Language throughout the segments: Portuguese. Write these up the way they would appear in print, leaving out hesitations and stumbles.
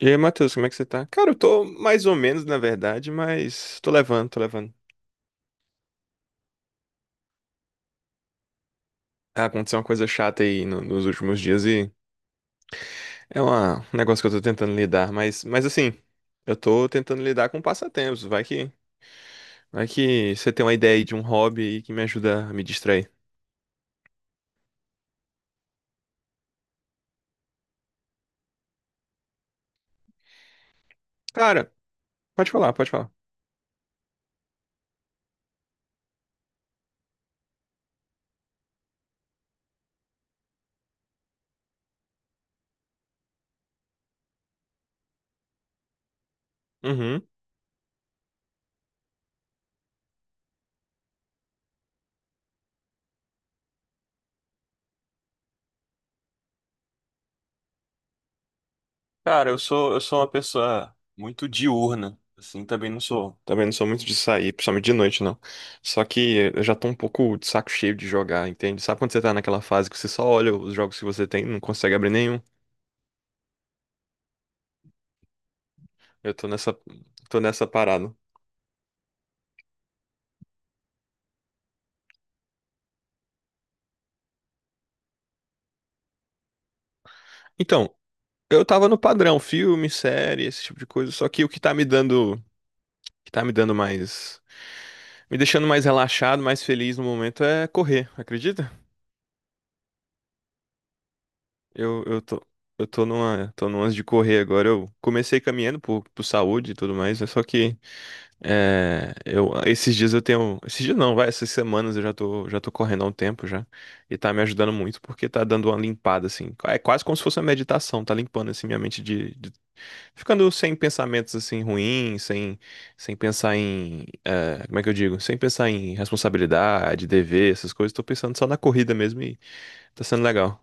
E aí, Matheus, como é que você tá? Cara, eu tô mais ou menos, na verdade, mas tô levando, tô levando. Ah, aconteceu uma coisa chata aí nos últimos dias e é um negócio que eu tô tentando lidar, mas assim, eu tô tentando lidar com passatempos. Vai que você tem uma ideia aí de um hobby aí que me ajuda a me distrair. Cara, pode falar, pode falar. Uhum. Cara, eu sou uma pessoa muito diurna, assim, também não sou muito de sair, principalmente de noite, não. Só que eu já tô um pouco de saco cheio de jogar, entende? Sabe quando você tá naquela fase que você só olha os jogos que você tem, e não consegue abrir nenhum? Eu tô nessa parada. Então, eu tava no padrão, filme, série, esse tipo de coisa, só que o que tá me dando mais, me deixando mais relaxado, mais feliz no momento é correr, acredita? Eu, eu tô, eu tô numa de correr agora. Eu comecei caminhando por saúde e tudo mais, né? Só que é, eu, esses dias eu tenho, esses dias não, vai, essas semanas eu já tô correndo há um tempo já. E tá me ajudando muito porque tá dando uma limpada, assim. É quase como se fosse uma meditação, tá limpando, assim, minha mente ficando sem pensamentos, assim, ruins, sem pensar em, como é que eu digo? Sem pensar em responsabilidade, dever, essas coisas. Tô pensando só na corrida mesmo e tá sendo legal.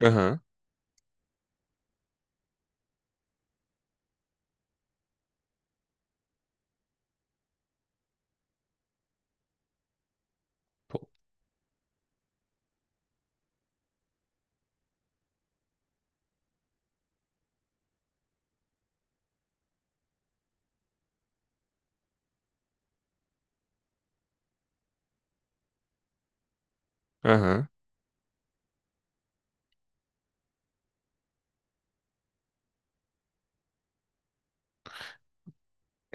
Aham. Pô. Aham.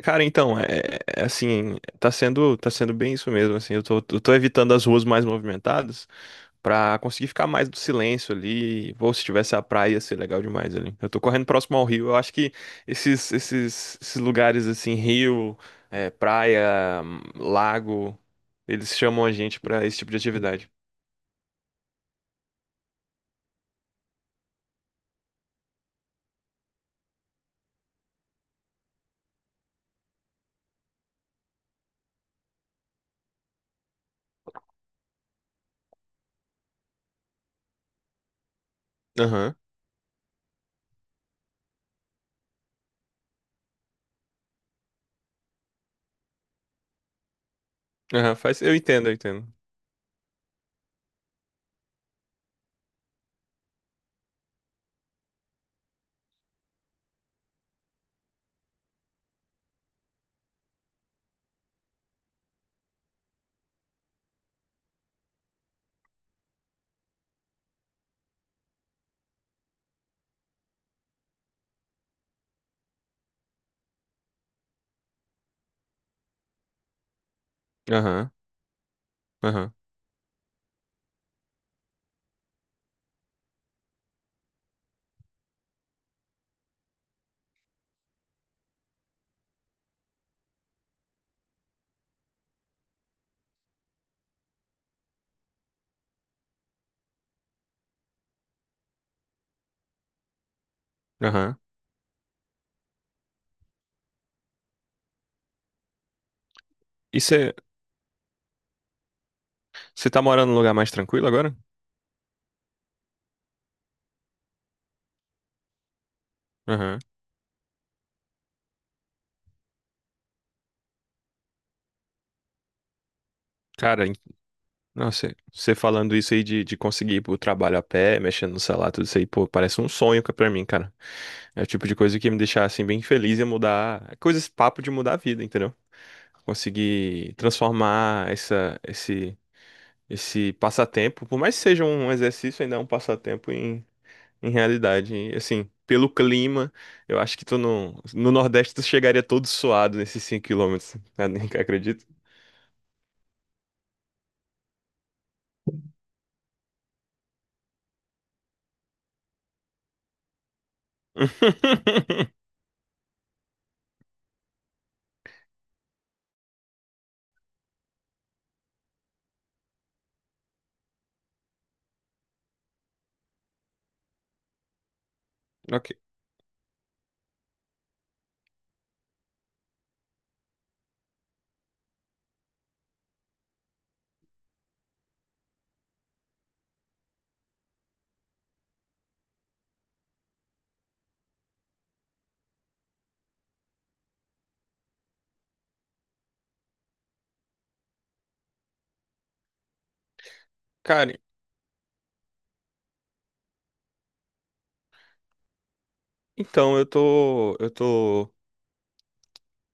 Cara, então, é assim, tá sendo bem isso mesmo, assim, eu tô evitando as ruas mais movimentadas pra conseguir ficar mais do silêncio ali, ou se tivesse a praia, ia ser legal demais ali. Eu tô correndo próximo ao rio, eu acho que esses lugares, assim, rio, praia, lago, eles chamam a gente pra esse tipo de atividade. Aham, aham, faz, eu entendo, eu entendo. Aham, aham, aham. E você tá morando num lugar mais tranquilo agora? Aham. Cara, nossa, você falando isso aí de conseguir ir pro trabalho a pé, mexendo no celular, tudo isso aí, pô, parece um sonho pra mim, cara. É o tipo de coisa que ia me deixar, assim, bem feliz e mudar. É coisa, esse papo de mudar a vida, entendeu? Conseguir transformar esse passatempo, por mais que seja um exercício, ainda é um passatempo em realidade. E, assim, pelo clima, eu acho que tu no Nordeste tu chegaria todo suado nesses cinco quilômetros km, acredito. Ok. Cara, Então, eu tô, eu tô,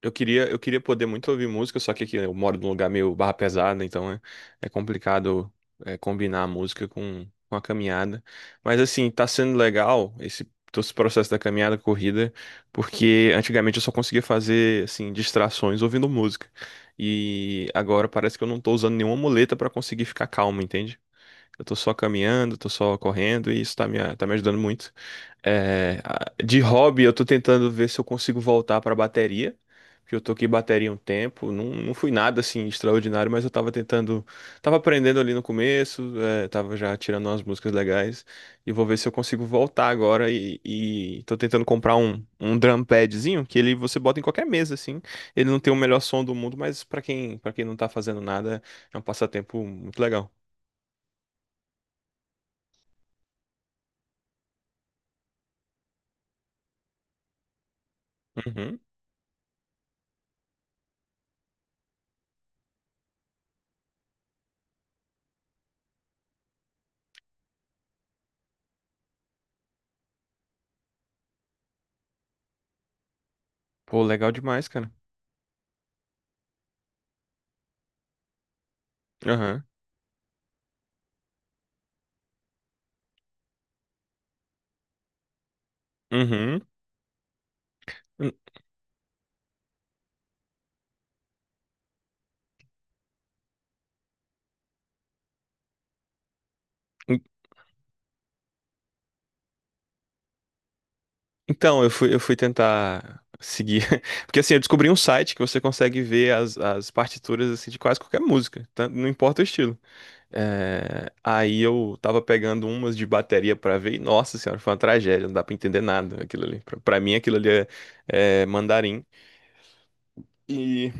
eu queria poder muito ouvir música, só que aqui eu moro num lugar meio barra pesada, então é complicado combinar a música com a caminhada. Mas assim, tá sendo legal todo esse processo da caminhada, corrida, porque antigamente eu só conseguia fazer assim distrações ouvindo música. E agora parece que eu não tô usando nenhuma muleta pra conseguir ficar calmo, entende? Eu tô só caminhando, tô só correndo e isso tá me ajudando muito. De hobby, eu tô tentando ver se eu consigo voltar pra bateria, porque eu toquei bateria um tempo, não, não fui nada assim extraordinário, mas eu tava tentando, tava aprendendo ali no começo, tava já tirando umas músicas legais, e vou ver se eu consigo voltar agora e tô tentando comprar um drum padzinho, que ele você bota em qualquer mesa, assim, ele não tem o melhor som do mundo, mas pra quem, para quem não tá fazendo nada, é um passatempo muito legal. Uhum. Pô, legal demais, cara. Aham. Uhum. En- en- Então, eu fui tentar seguir. Porque assim, eu descobri um site que você consegue ver as partituras assim, de quase qualquer música, tá? Não importa o estilo. Aí eu tava pegando umas de bateria pra ver e, nossa senhora, foi uma tragédia, não dá pra entender nada aquilo ali. Pra mim, aquilo ali é mandarim. E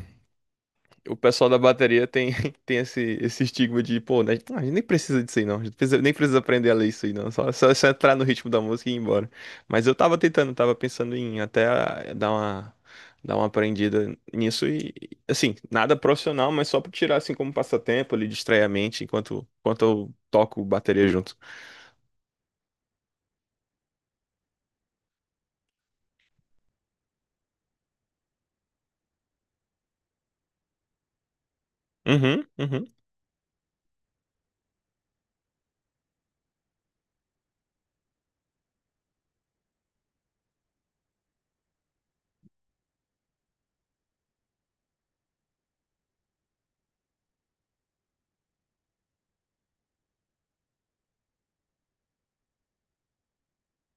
o pessoal da bateria tem, tem esse estigma de, pô, né, a gente nem precisa disso aí não, a gente nem precisa aprender a ler isso aí não, só entrar no ritmo da música e ir embora. Mas eu tava tentando, tava pensando em até dar uma aprendida nisso e, assim, nada profissional, mas só pra tirar assim como passatempo, ali, distrair a mente enquanto eu toco bateria junto. Uhum, uhum.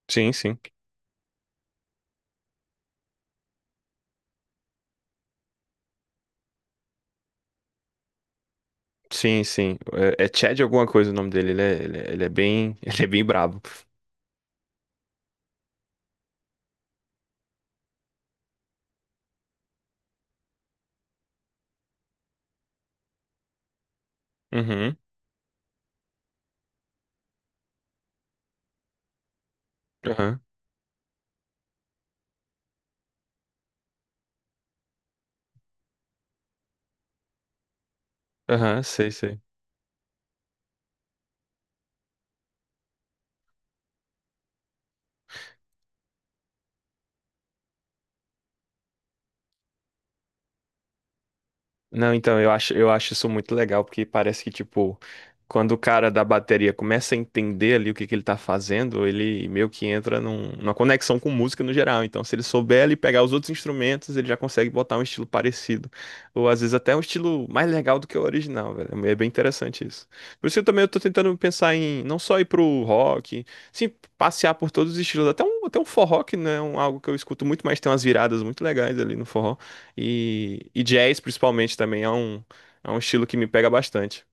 Sim, sim. Sim, sim. É Chad alguma coisa o nome dele, ele é bem, ele é bem brabo. Uhum, aham, aham, sei, sei. Não, então, eu acho isso muito legal, porque parece que, tipo, quando o cara da bateria começa a entender ali o que que ele tá fazendo, ele meio que entra numa conexão com música no geral. Então, se ele souber ali pegar os outros instrumentos, ele já consegue botar um estilo parecido. Ou às vezes até um estilo mais legal do que o original, velho. É bem interessante isso. Por isso que eu também eu tô tentando pensar em não só ir pro rock, sim, passear por todos os estilos. Até um forró, que não é algo que eu escuto muito, mas tem umas viradas muito legais ali no forró. E jazz, principalmente, também é um estilo que me pega bastante.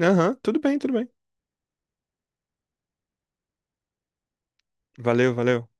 Aham, tudo bem, tudo bem. Valeu, valeu.